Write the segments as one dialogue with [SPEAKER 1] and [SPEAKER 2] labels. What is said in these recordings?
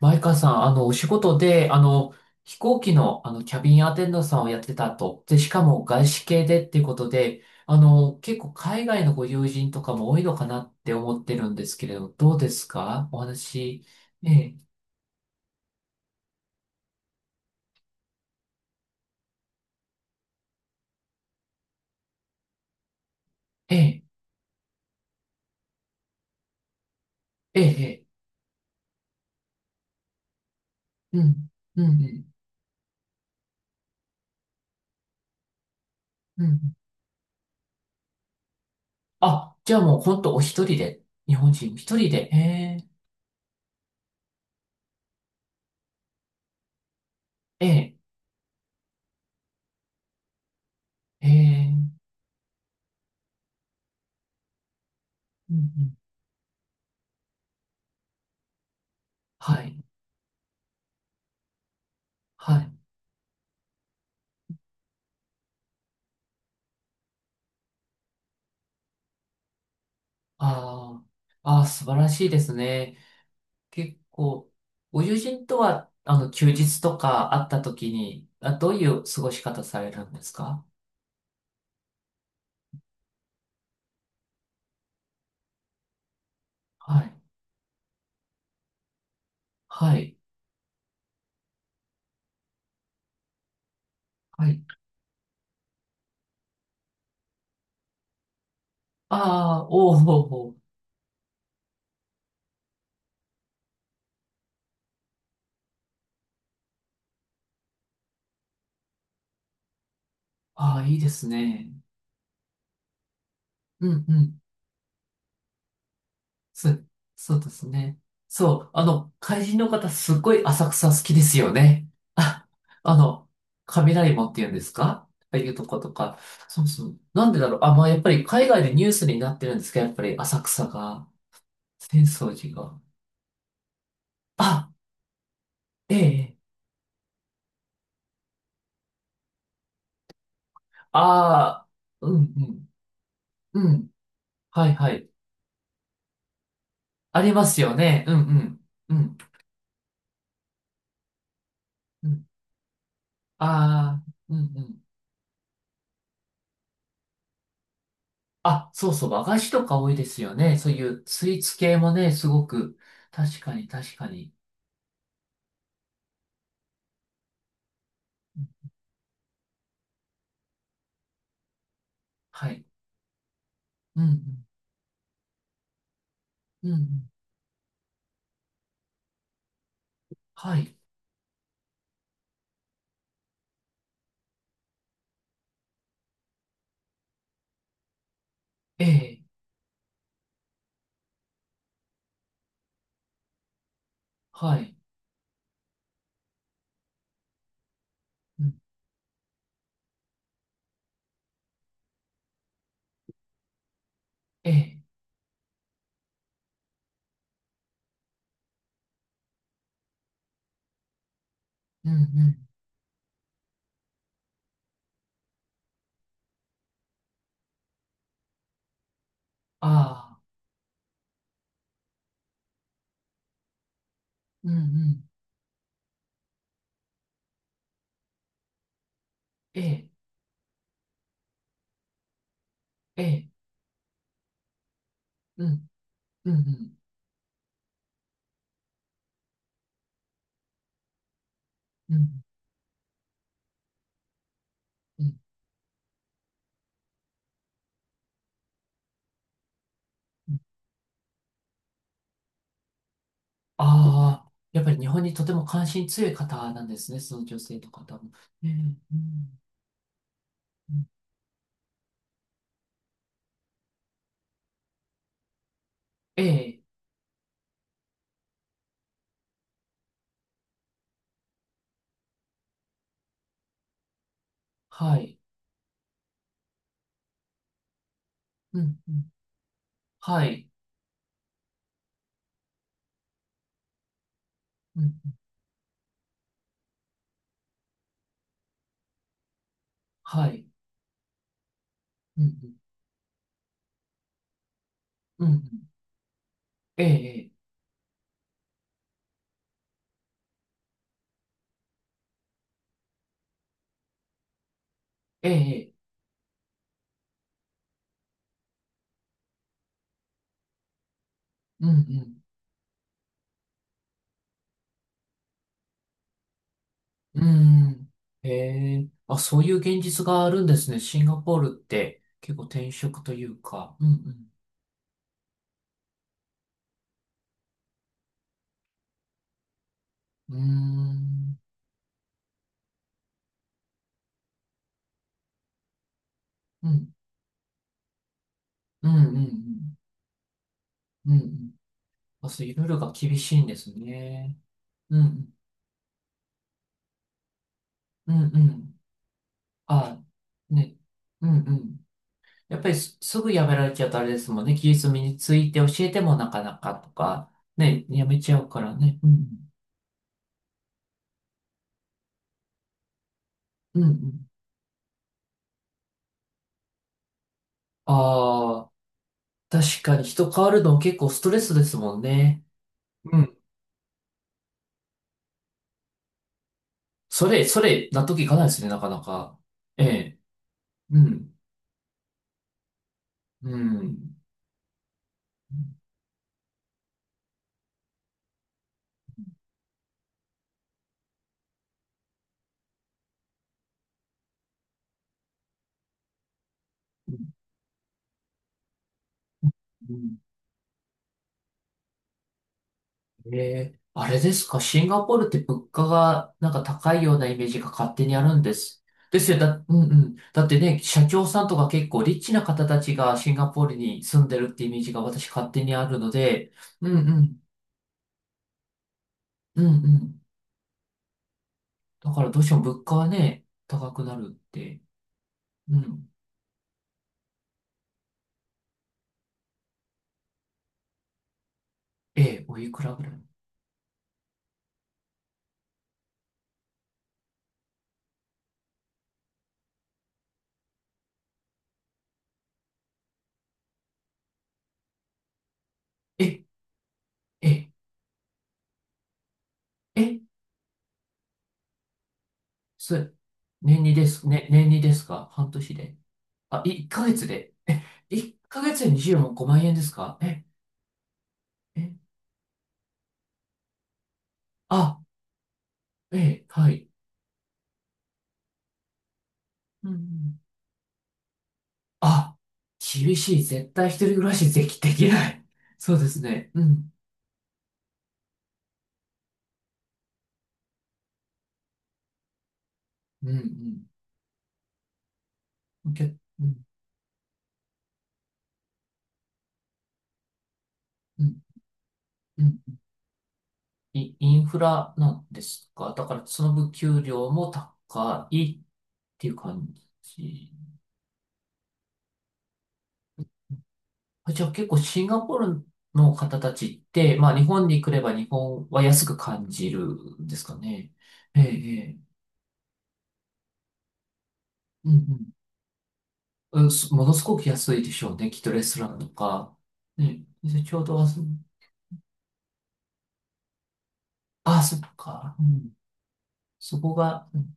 [SPEAKER 1] 前川さん、お仕事で、飛行機の、キャビンアテンダントさんをやってたと。で、しかも外資系でっていうことで、結構海外のご友人とかも多いのかなって思ってるんですけれど、どうですかお話。ええ、ええ、ええ、ええ、うん、うん、うん。うん、あ、じゃあもう本当お一人で、日本人お一人で、ええ、ええ、ええ、うん、うん。はい、はい。ああ、ああ、素晴らしいですね。結構、ご友人とは、休日とか会った時に、あ、どういう過ごし方されるんですか。はい。はい。はい。ああ、おーおー、おー、ああ、いいですね。うんうん。そ、そうですね。そう、怪人の方、すっごい浅草好きですよね。あ、あの、雷門って言うんですか、ああいうとことか。そうそう。なんでだろう。あ、まあ、やっぱり海外でニュースになってるんですけど、やっぱり浅草が、浅草寺が。あ、えええ、ああ、うんうん。うん。はいはい。ありますよね。うんうん。うん。うん。ああ、うんうん。あ、そうそう。和菓子とか多いですよね。そういうスイーツ系もね、すごく。確かに確かに。うん、はい。うんうん。うんうん。はい。ええ。はい。うん。ええ。うんうん。ああ。うんうん。ええ。ええ。うんうんうん。うんうん。ああ、やっぱり日本にとても関心強い方なんですね、その女性の方も。ええ、うんうん、ええ、はい、うん、うん、はい、うん、はい、うん、うん、うんうん、ええ、ええ、ええ、うん、うん、うん。ええ、あ、そういう現実があるんですね。シンガポールって結構転職というか、うん、うん、うーん、うん、うん、うん、うん、うん。うん、あ、そう、いろいろが厳しいんですね。うん、うん、うん、うん。あ、ね。うんうん。やっぱりすぐやめられちゃうとあれですもんね。技術身について教えてもなかなかとか、ね、やめちゃうからね。うん。うんうん。ああ、確かに人変わるの結構ストレスですもんね。うん。それ、それ、納得いかないですね、なかなか。ええ。うん。うん。うん、ええ、あれですか、シンガポールって物価がなんか高いようなイメージが勝手にあるんです。ですよ、だ、うんうん。だってね、社長さんとか結構リッチな方たちがシンガポールに住んでるってイメージが私勝手にあるので、うんうん、うんうん。だからどうしても物価はね、高くなるって。うん。ええ、おいくらぐらい、え、え、え、そ、年にです、ね、年にですか半年で。あ、1ヶ月で。え、1ヶ月で25万円ですか、え、え、あ、ええ、はい。うんうん、あ、厳しい。絶対一人暮らしできない。そうですね。うん、うん、うん。け、うん、うん、うん。インフラなんですか、だから、その分給料も高いっていう感じ。あ、じゃあ結構シンガポールの方たちって、まあ日本に来れば日本は安く感じるんですかね。ええ、ええ。うんうん、すものすごく安いでしょうね。きっとレストランとか。ね、で、ちょうど、あ、そ、あそっか。うん。そこが、うん、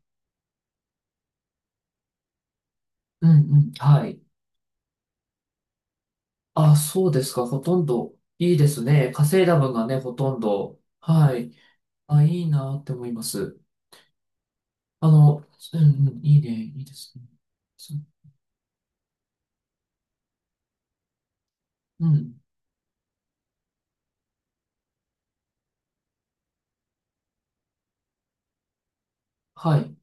[SPEAKER 1] うん、はい。あ、そうですか。ほとんど、いいですね。稼いだ分がね、ほとんど。はい。あ、いいなって思います。あの、うんうん、いいね、いいですね。そ、うん。はい。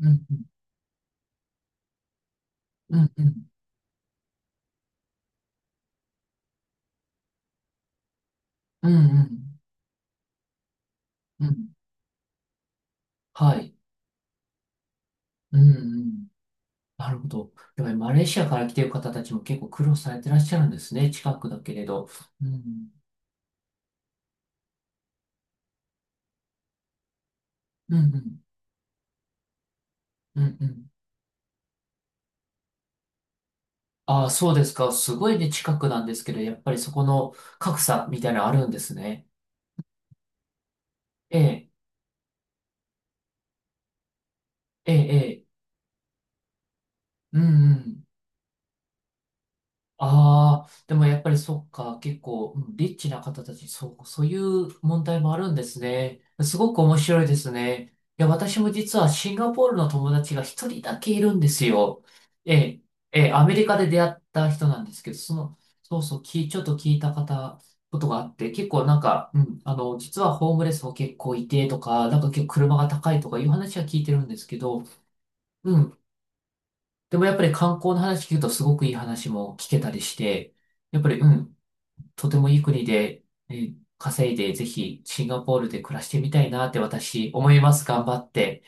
[SPEAKER 1] うんうん。うんうん。うんうん。うん。はい。うんうん。なるほど。やっぱりマレーシアから来てる方たちも結構苦労されてらっしゃるんですね。近くだけれど。うん。うんうん。うんうん。ああ、そうですか。すごいね、近くなんですけど、やっぱりそこの格差みたいなのあるんですね。ええ、ええ、ええ。うんうん。ああ、でもやっぱりそっか、結構、うん、リッチな方たち、そう、そういう問題もあるんですね。すごく面白いですね。いや、私も実はシンガポールの友達が一人だけいるんですよ。ええ、ええ、アメリカで出会った人なんですけど、その、そうそう、き、ちょっと聞いた方、ことがあって、結構なんか、うん、実はホームレスも結構いてとか、なんか結構車が高いとかいう話は聞いてるんですけど、うん。でもやっぱり観光の話聞くとすごくいい話も聞けたりして、やっぱり、うん、とてもいい国で、えー稼いで、ぜひシンガポールで暮らしてみたいなって私思います。頑張って。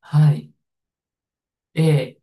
[SPEAKER 1] はい。えー